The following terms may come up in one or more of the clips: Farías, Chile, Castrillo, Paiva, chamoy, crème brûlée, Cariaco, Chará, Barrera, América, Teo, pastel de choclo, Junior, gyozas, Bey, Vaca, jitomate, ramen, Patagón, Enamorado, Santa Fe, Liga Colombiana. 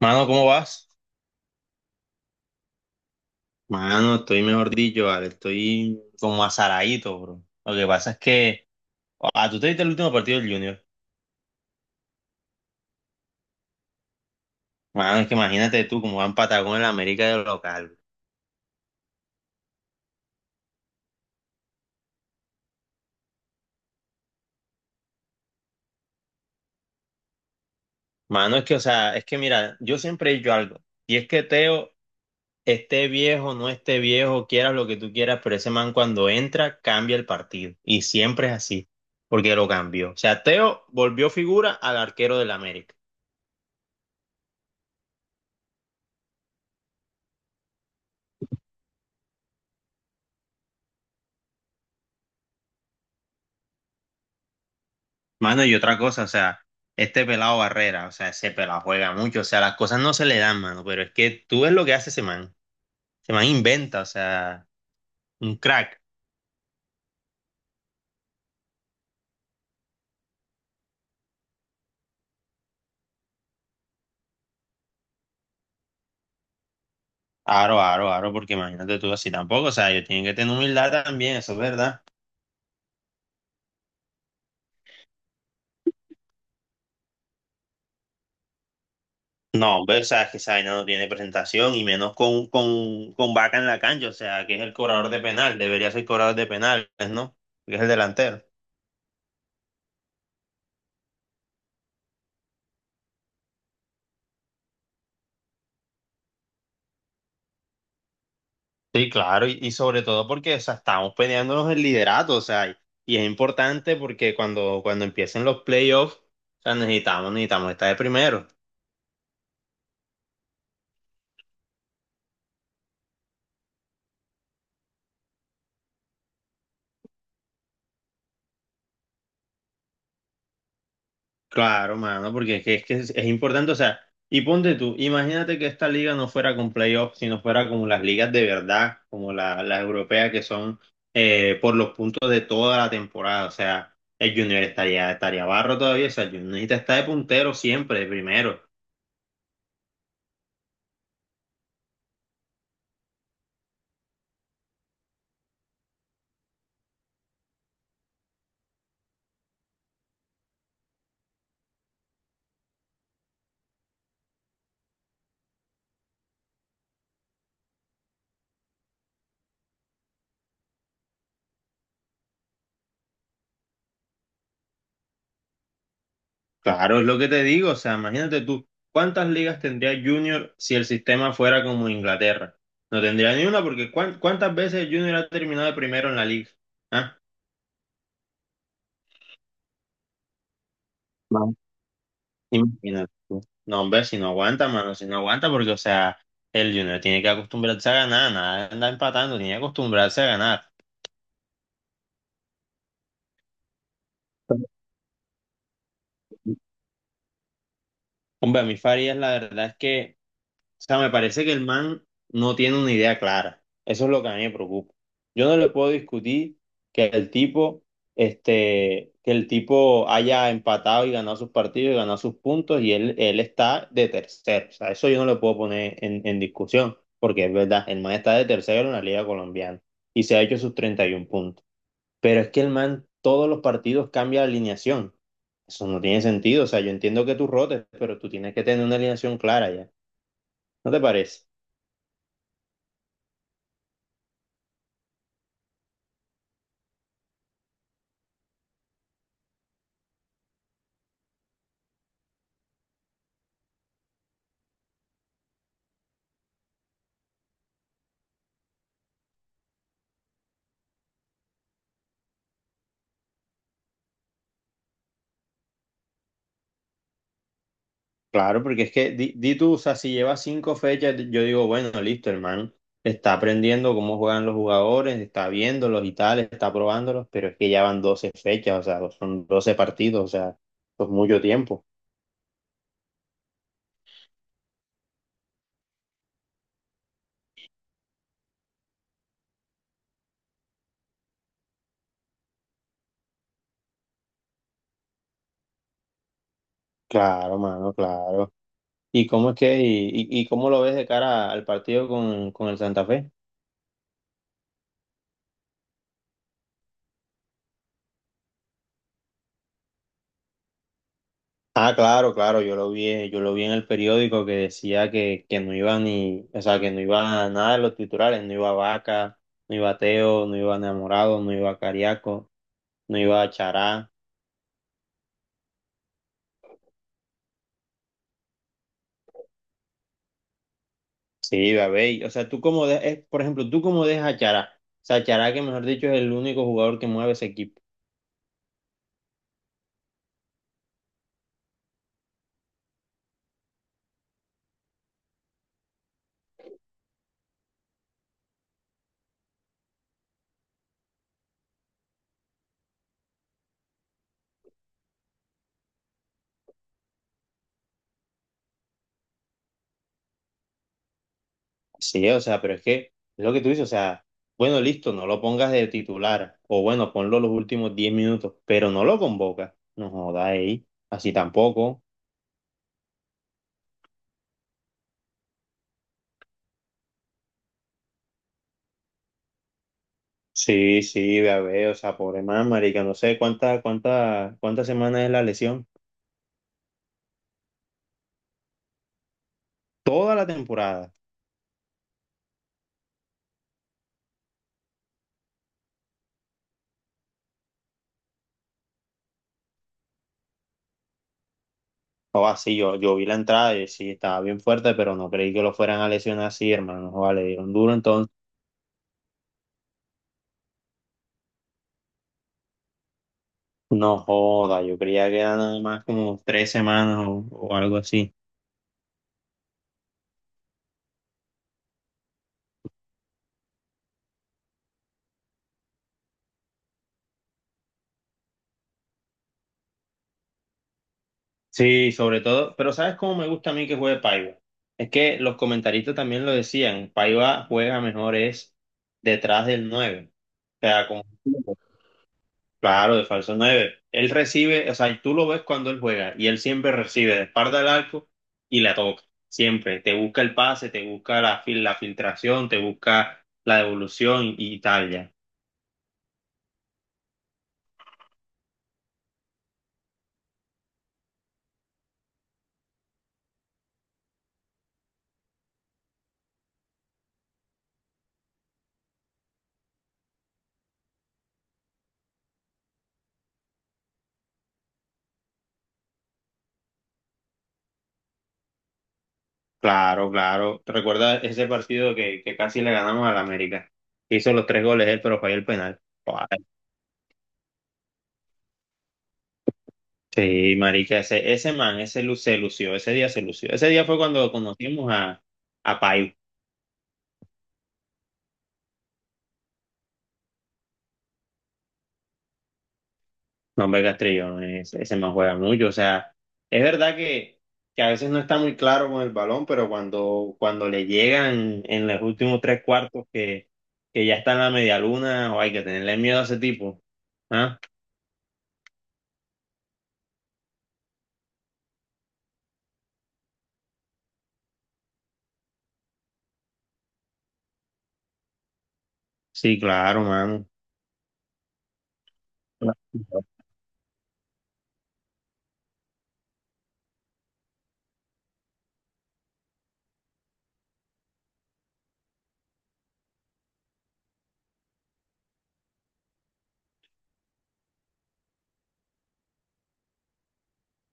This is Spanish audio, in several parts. Mano, ¿cómo vas? Mano, estoy mejor dicho, vale, estoy como azaradito, bro. Lo que pasa es que, ah, tú te viste el último partido del Junior. Mano, es que imagínate tú cómo van Patagón en la América de local. Mano, es que, o sea, es que mira, yo siempre he dicho algo, y es que Teo, esté viejo, no esté viejo, quieras lo que tú quieras, pero ese man cuando entra, cambia el partido. Y siempre es así, porque lo cambió. O sea, Teo volvió figura al arquero del América. Mano, y otra cosa, o sea, este pelado Barrera, o sea, ese pelado juega mucho, o sea, las cosas no se le dan, mano, pero es que tú ves lo que hace ese man. Ese man inventa, o sea, un crack. Aro, aro, aro, porque imagínate tú así tampoco, o sea, ellos tienen que tener humildad también, eso es verdad. No, hombre, o sea, es que esa vaina no tiene presentación y menos con, con Vaca en la cancha, o sea, que es el cobrador de penal, debería ser cobrador de penales, ¿no? Porque es el delantero. Sí, claro, y sobre todo porque, o sea, estamos peleándonos el liderato, o sea, y es importante porque cuando empiecen los playoffs, o sea, necesitamos, necesitamos estar de primero. Claro, mano, porque es que es importante, o sea, y ponte tú, imagínate que esta liga no fuera con playoffs, sino fuera como las ligas de verdad, como las europeas que son por los puntos de toda la temporada, o sea, el Junior estaría barro todavía, o sea, el Junior necesita estar de puntero siempre, de primero. Claro, es lo que te digo, o sea, imagínate tú, ¿cuántas ligas tendría Junior si el sistema fuera como Inglaterra? No tendría ni una porque ¿cuántas veces Junior ha terminado de primero en la liga? ¿Ah? No. Imagínate tú. No, hombre, si no aguanta, mano, si no aguanta porque, o sea, el Junior tiene que acostumbrarse a ganar, nada, de andar empatando, tiene que acostumbrarse a ganar. Hombre, a mí Farías, la verdad es que, o sea, me parece que el man no tiene una idea clara. Eso es lo que a mí me preocupa. Yo no le puedo discutir que el tipo, que el tipo haya empatado y ganado sus partidos y ganado sus puntos y él está de tercero. O sea, eso yo no le puedo poner en discusión, porque es verdad, el man está de tercero en la Liga Colombiana y se ha hecho sus 31 puntos. Pero es que el man todos los partidos cambia la alineación. Eso no tiene sentido. O sea, yo entiendo que tú rotes, pero tú tienes que tener una alineación clara ya. ¿No te parece? Claro, porque es que di, di tú, o sea, si lleva cinco fechas, yo digo, bueno, listo, hermano, está aprendiendo cómo juegan los jugadores, está viéndolos y tal, está probándolos, pero es que ya van 12 fechas, o sea, son 12 partidos, o sea, es mucho tiempo. Claro, mano, claro. ¿Y cómo es que, y cómo lo ves de cara al partido con el Santa Fe? Ah, claro, claro, yo lo vi en el periódico que decía que no iba ni, o sea, que no iba nada de los titulares, no iba Vaca, no iba Teo, no iba Enamorado, no iba Cariaco, no iba Chará, sí iba Bey, o sea, tú como por ejemplo, tú como dejas a Chará, o sea, Chará que mejor dicho es el único jugador que mueve ese equipo, sí, o sea, pero es que es lo que tú dices, o sea, bueno, listo, no lo pongas de titular, o bueno, ponlo los últimos 10 minutos, pero no lo convocas, no jodas ahí, así tampoco. Sí, sí, ve a ver, o sea, pobre man, marica, no sé cuántas semanas es la lesión. Toda la temporada. O así, yo vi la entrada y sí, estaba bien fuerte, pero no creí que lo fueran a lesionar así, hermano. Joda, le dieron duro, entonces, no joda, yo creía que eran nada más como 3 semanas o algo así. Sí, sobre todo, pero ¿sabes cómo me gusta a mí que juegue Paiva? Es que los comentaristas también lo decían, Paiva juega mejor es detrás del nueve. O sea, como claro, de falso 9. Él recibe, o sea, tú lo ves cuando él juega y él siempre recibe de espalda al arco y la toca. Siempre. Te busca el pase, te busca la filtración, te busca la devolución y tal ya. Claro, claro. ¿Te recuerdas ese partido que casi le ganamos al América? Hizo los tres goles él, pero falló el penal. Guau. Sí, marica, ese man, se lució, ese día se lució. Ese día fue cuando conocimos a Paiva. No, hombre, Castrillo, ese man juega mucho. O sea, es verdad que a veces no está muy claro con el balón, pero cuando le llegan en los últimos tres cuartos que ya está en la media luna, o hay que tenerle miedo a ese tipo. ¿Ah? Sí, claro, mano.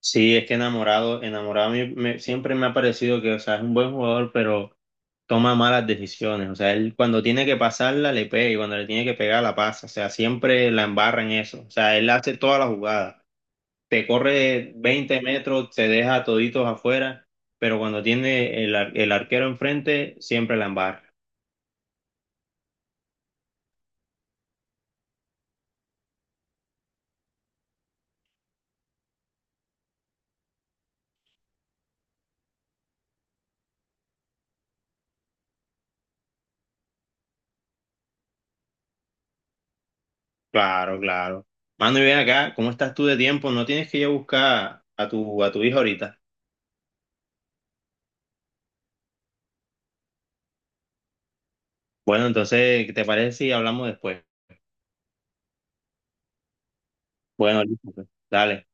Sí, es que enamorado, a mí siempre me ha parecido que, o sea, es un buen jugador, pero toma malas decisiones. O sea, él cuando tiene que pasarla, le pega y cuando le tiene que pegar, la pasa. O sea, siempre la embarra en eso. O sea, él hace toda la jugada. Te corre 20 metros, te deja toditos afuera, pero cuando tiene el arquero enfrente, siempre la embarra. Claro, claro. Mando, y ven acá, ¿cómo estás tú de tiempo? ¿No tienes que ir a buscar a tu hijo ahorita? Bueno, entonces, ¿qué te parece si hablamos después? Bueno, listo, pues. Dale.